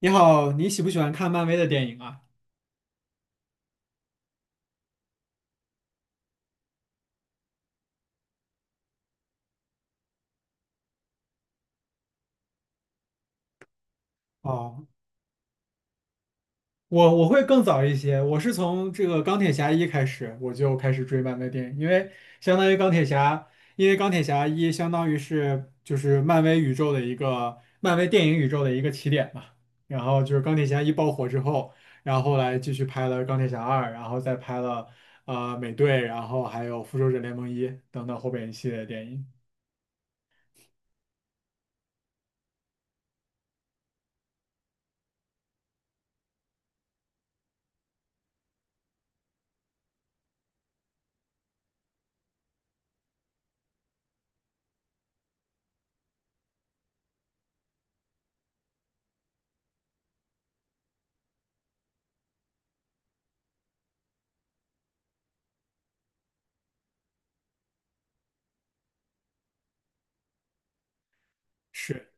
你好，你喜不喜欢看漫威的电影啊？哦，我会更早一些，我是从这个钢铁侠一开始，我就开始追漫威电影，因为相当于钢铁侠，因为钢铁侠一相当于是就是漫威宇宙的一个漫威电影宇宙的一个起点嘛。然后就是钢铁侠一爆火之后，然后后来继续拍了钢铁侠二，然后再拍了美队，然后还有复仇者联盟一等等后边一系列电影。是。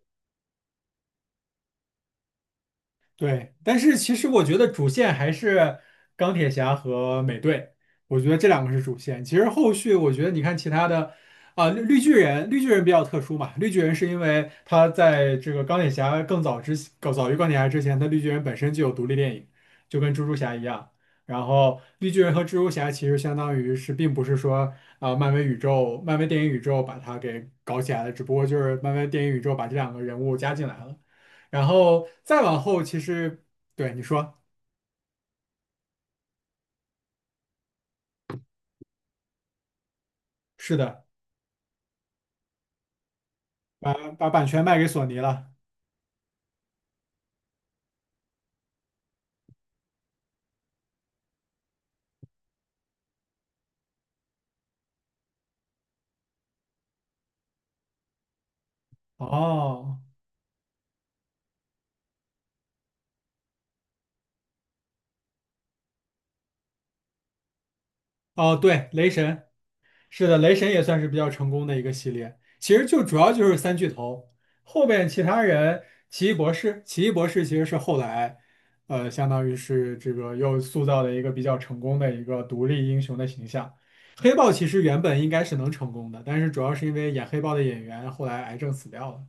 对，但是其实我觉得主线还是钢铁侠和美队，我觉得这两个是主线。其实后续我觉得你看其他的，啊、绿巨人，绿巨人比较特殊嘛，绿巨人是因为他在这个钢铁侠更早于钢铁侠之前，他绿巨人本身就有独立电影，就跟蜘蛛侠一样。然后绿巨人和蜘蛛侠其实相当于是，并不是说啊、漫威宇宙、漫威电影宇宙把它给搞起来的，只不过就是漫威电影宇宙把这两个人物加进来了。然后再往后，其实对你说是的，把版权卖给索尼了。哦哦，对，雷神是的，雷神也算是比较成功的一个系列。其实就主要就是三巨头，后边其他人，奇异博士，奇异博士其实是后来，相当于是这个又塑造了一个比较成功的一个独立英雄的形象。黑豹其实原本应该是能成功的，但是主要是因为演黑豹的演员后来癌症死掉了。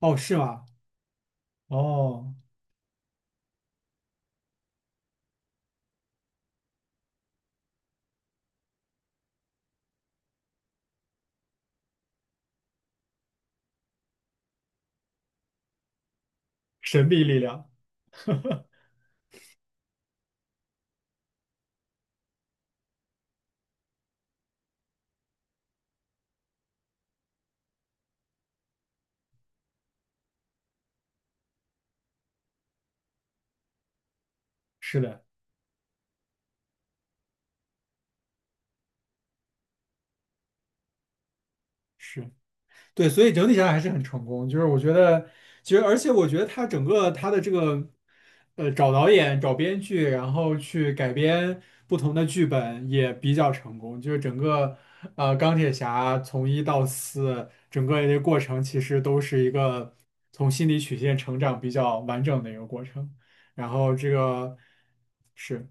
哦，是吗？哦，神秘力量，是的，是对，所以整体上还是很成功。就是我觉得，其实而且我觉得他整个他的这个，找导演、找编剧，然后去改编不同的剧本也比较成功。就是整个钢铁侠从一到四整个的过程，其实都是一个从心理曲线成长比较完整的一个过程。然后这个是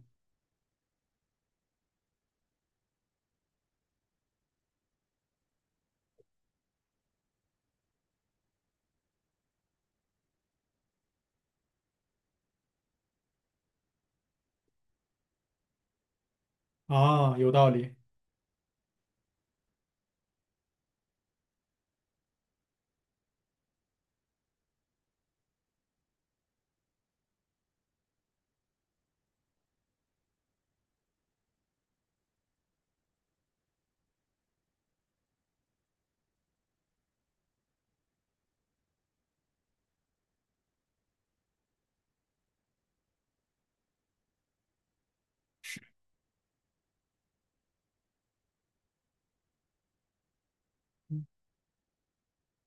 啊，有道理。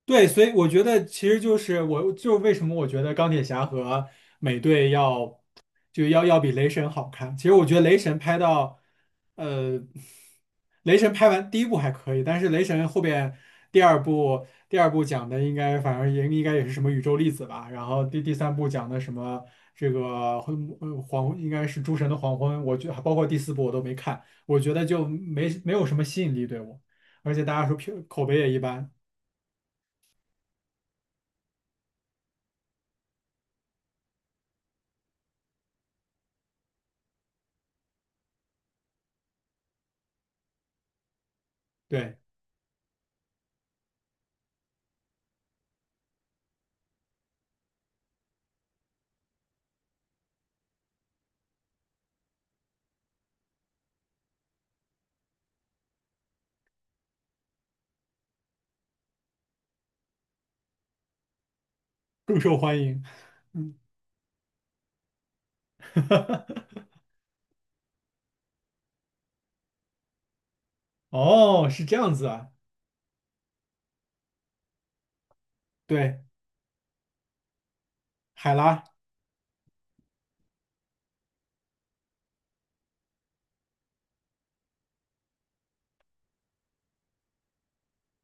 对，所以我觉得其实就是我就是为什么我觉得钢铁侠和美队要就要要比雷神好看。其实我觉得雷神拍到，呃，雷神拍完第一部还可以，但是雷神后边第二部讲的应该反正也应该也是什么宇宙粒子吧，然后第三部讲的什么这个应该是诸神的黄昏，我觉得包括第四部我都没看，我觉得就没有什么吸引力对我，而且大家说票口碑也一般，对。更受欢迎。嗯，哦，是这样子啊，对，海拉，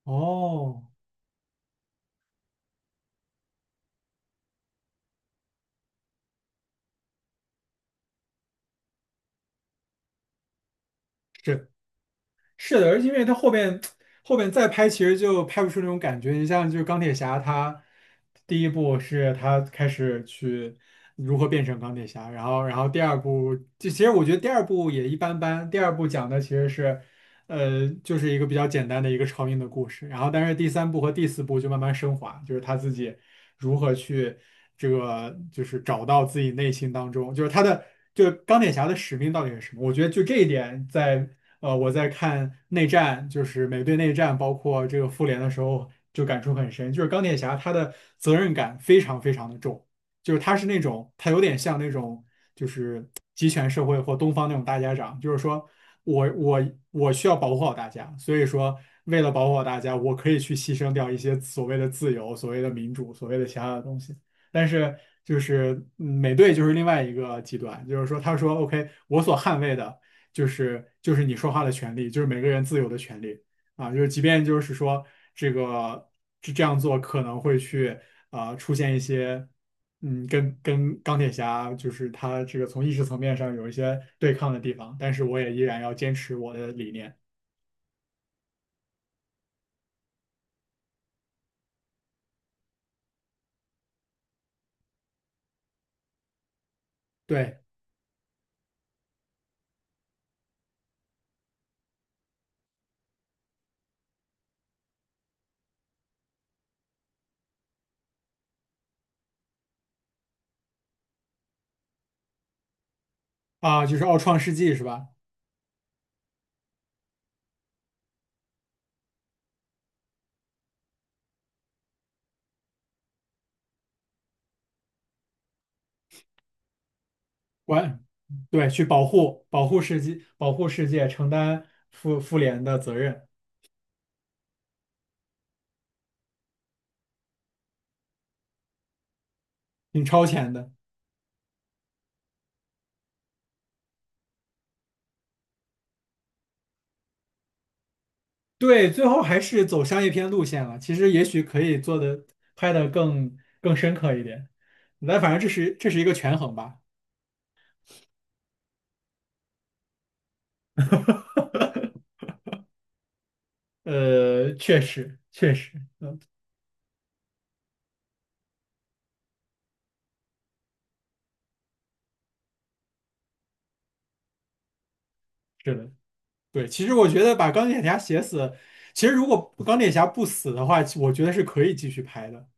哦，是。是的，而且因为他后边再拍，其实就拍不出那种感觉。你像就是钢铁侠，他第一部是他开始去如何变成钢铁侠，然后第二部，就其实我觉得第二部也一般般。第二部讲的其实是，就是一个比较简单的一个超英的故事。然后但是第三部和第四部就慢慢升华，就是他自己如何去这个就是找到自己内心当中，就是他的。就钢铁侠的使命到底是什么？我觉得就这一点，我在看内战，就是美队内战，包括这个复联的时候，就感触很深。就是钢铁侠他的责任感非常非常的重，就是他是那种他有点像那种就是集权社会或东方那种大家长，就是说我需要保护好大家，所以说为了保护好大家，我可以去牺牲掉一些所谓的自由、所谓的民主、所谓的其他的东西。但是就是美队就是另外一个极端，就是说他说 OK,我所捍卫的。就是你说话的权利，就是每个人自由的权利啊，就是即便就是说这个这样做可能会去出现一些跟钢铁侠就是他这个从意识层面上有一些对抗的地方，但是我也依然要坚持我的理念。对啊，就是奥创世纪是吧？我对去保护世界，承担复联的责任，挺超前的。对，最后还是走商业片路线了。其实也许可以做的拍的更深刻一点，但反正这是一个权衡吧。确实确实是的，对。其实我觉得把钢铁侠写死，其实如果钢铁侠不死的话，我觉得是可以继续拍的。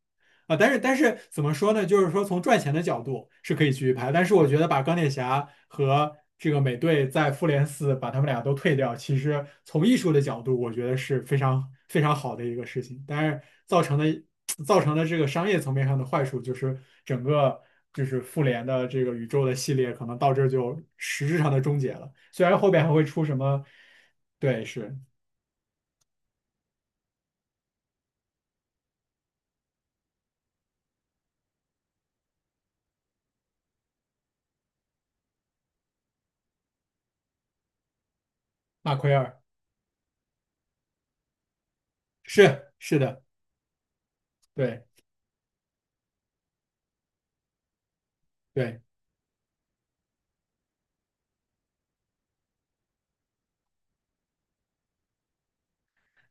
啊，但是怎么说呢？就是说从赚钱的角度是可以继续拍，但是我觉得把钢铁侠和这个美队在复联四把他们俩都退掉，其实从艺术的角度，我觉得是非常非常好的一个事情。但是造成的这个商业层面上的坏处，就是整个就是复联的这个宇宙的系列可能到这儿就实质上的终结了。虽然后边还会出什么，对，是马奎尔，是是的，对对。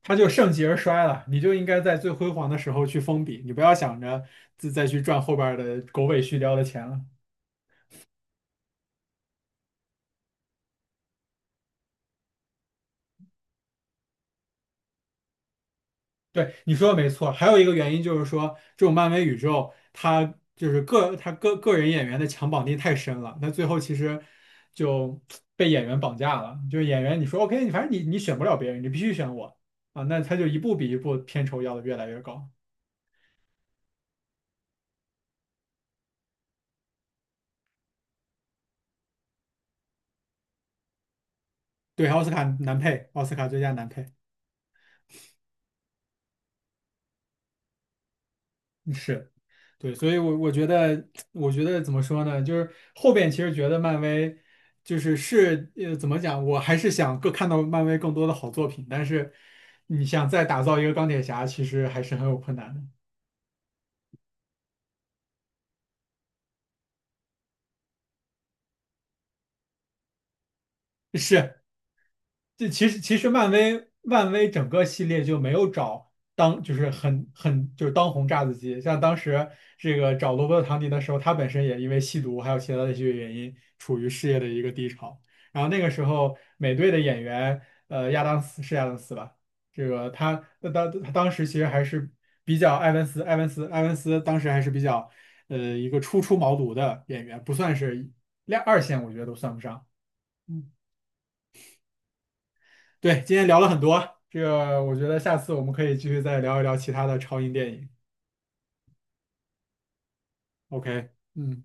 他就盛极而衰了。你就应该在最辉煌的时候去封笔，你不要想着再去赚后边儿的狗尾续貂的钱了。对，你说的没错。还有一个原因就是说，这种漫威宇宙，它个人演员的强绑定太深了，那最后其实就被演员绑架了。就是演员，你说 OK,你反正你选不了别人，你必须选我啊，那他就一步比一步片酬要的越来越高。对，奥斯卡男配，奥斯卡最佳男配。是，对，所以我觉得怎么说呢？就是后边其实觉得漫威就是怎么讲？我还是想更看到漫威更多的好作品，但是你想再打造一个钢铁侠，其实还是很有困难的。是，这其实漫威整个系列就没有找当就是很很就是当红炸子鸡，像当时这个找罗伯特唐尼的时候，他本身也因为吸毒还有其他的一些原因，处于事业的一个低潮。然后那个时候美队的演员亚当斯是亚当斯吧，这个他当时其实还是比较埃文斯当时还是比较一个初出茅庐的演员，不算是二线，我觉得都算不上。嗯。对，今天聊了很多，这个我觉得下次我们可以继续再聊一聊其他的超英电影。OK,嗯。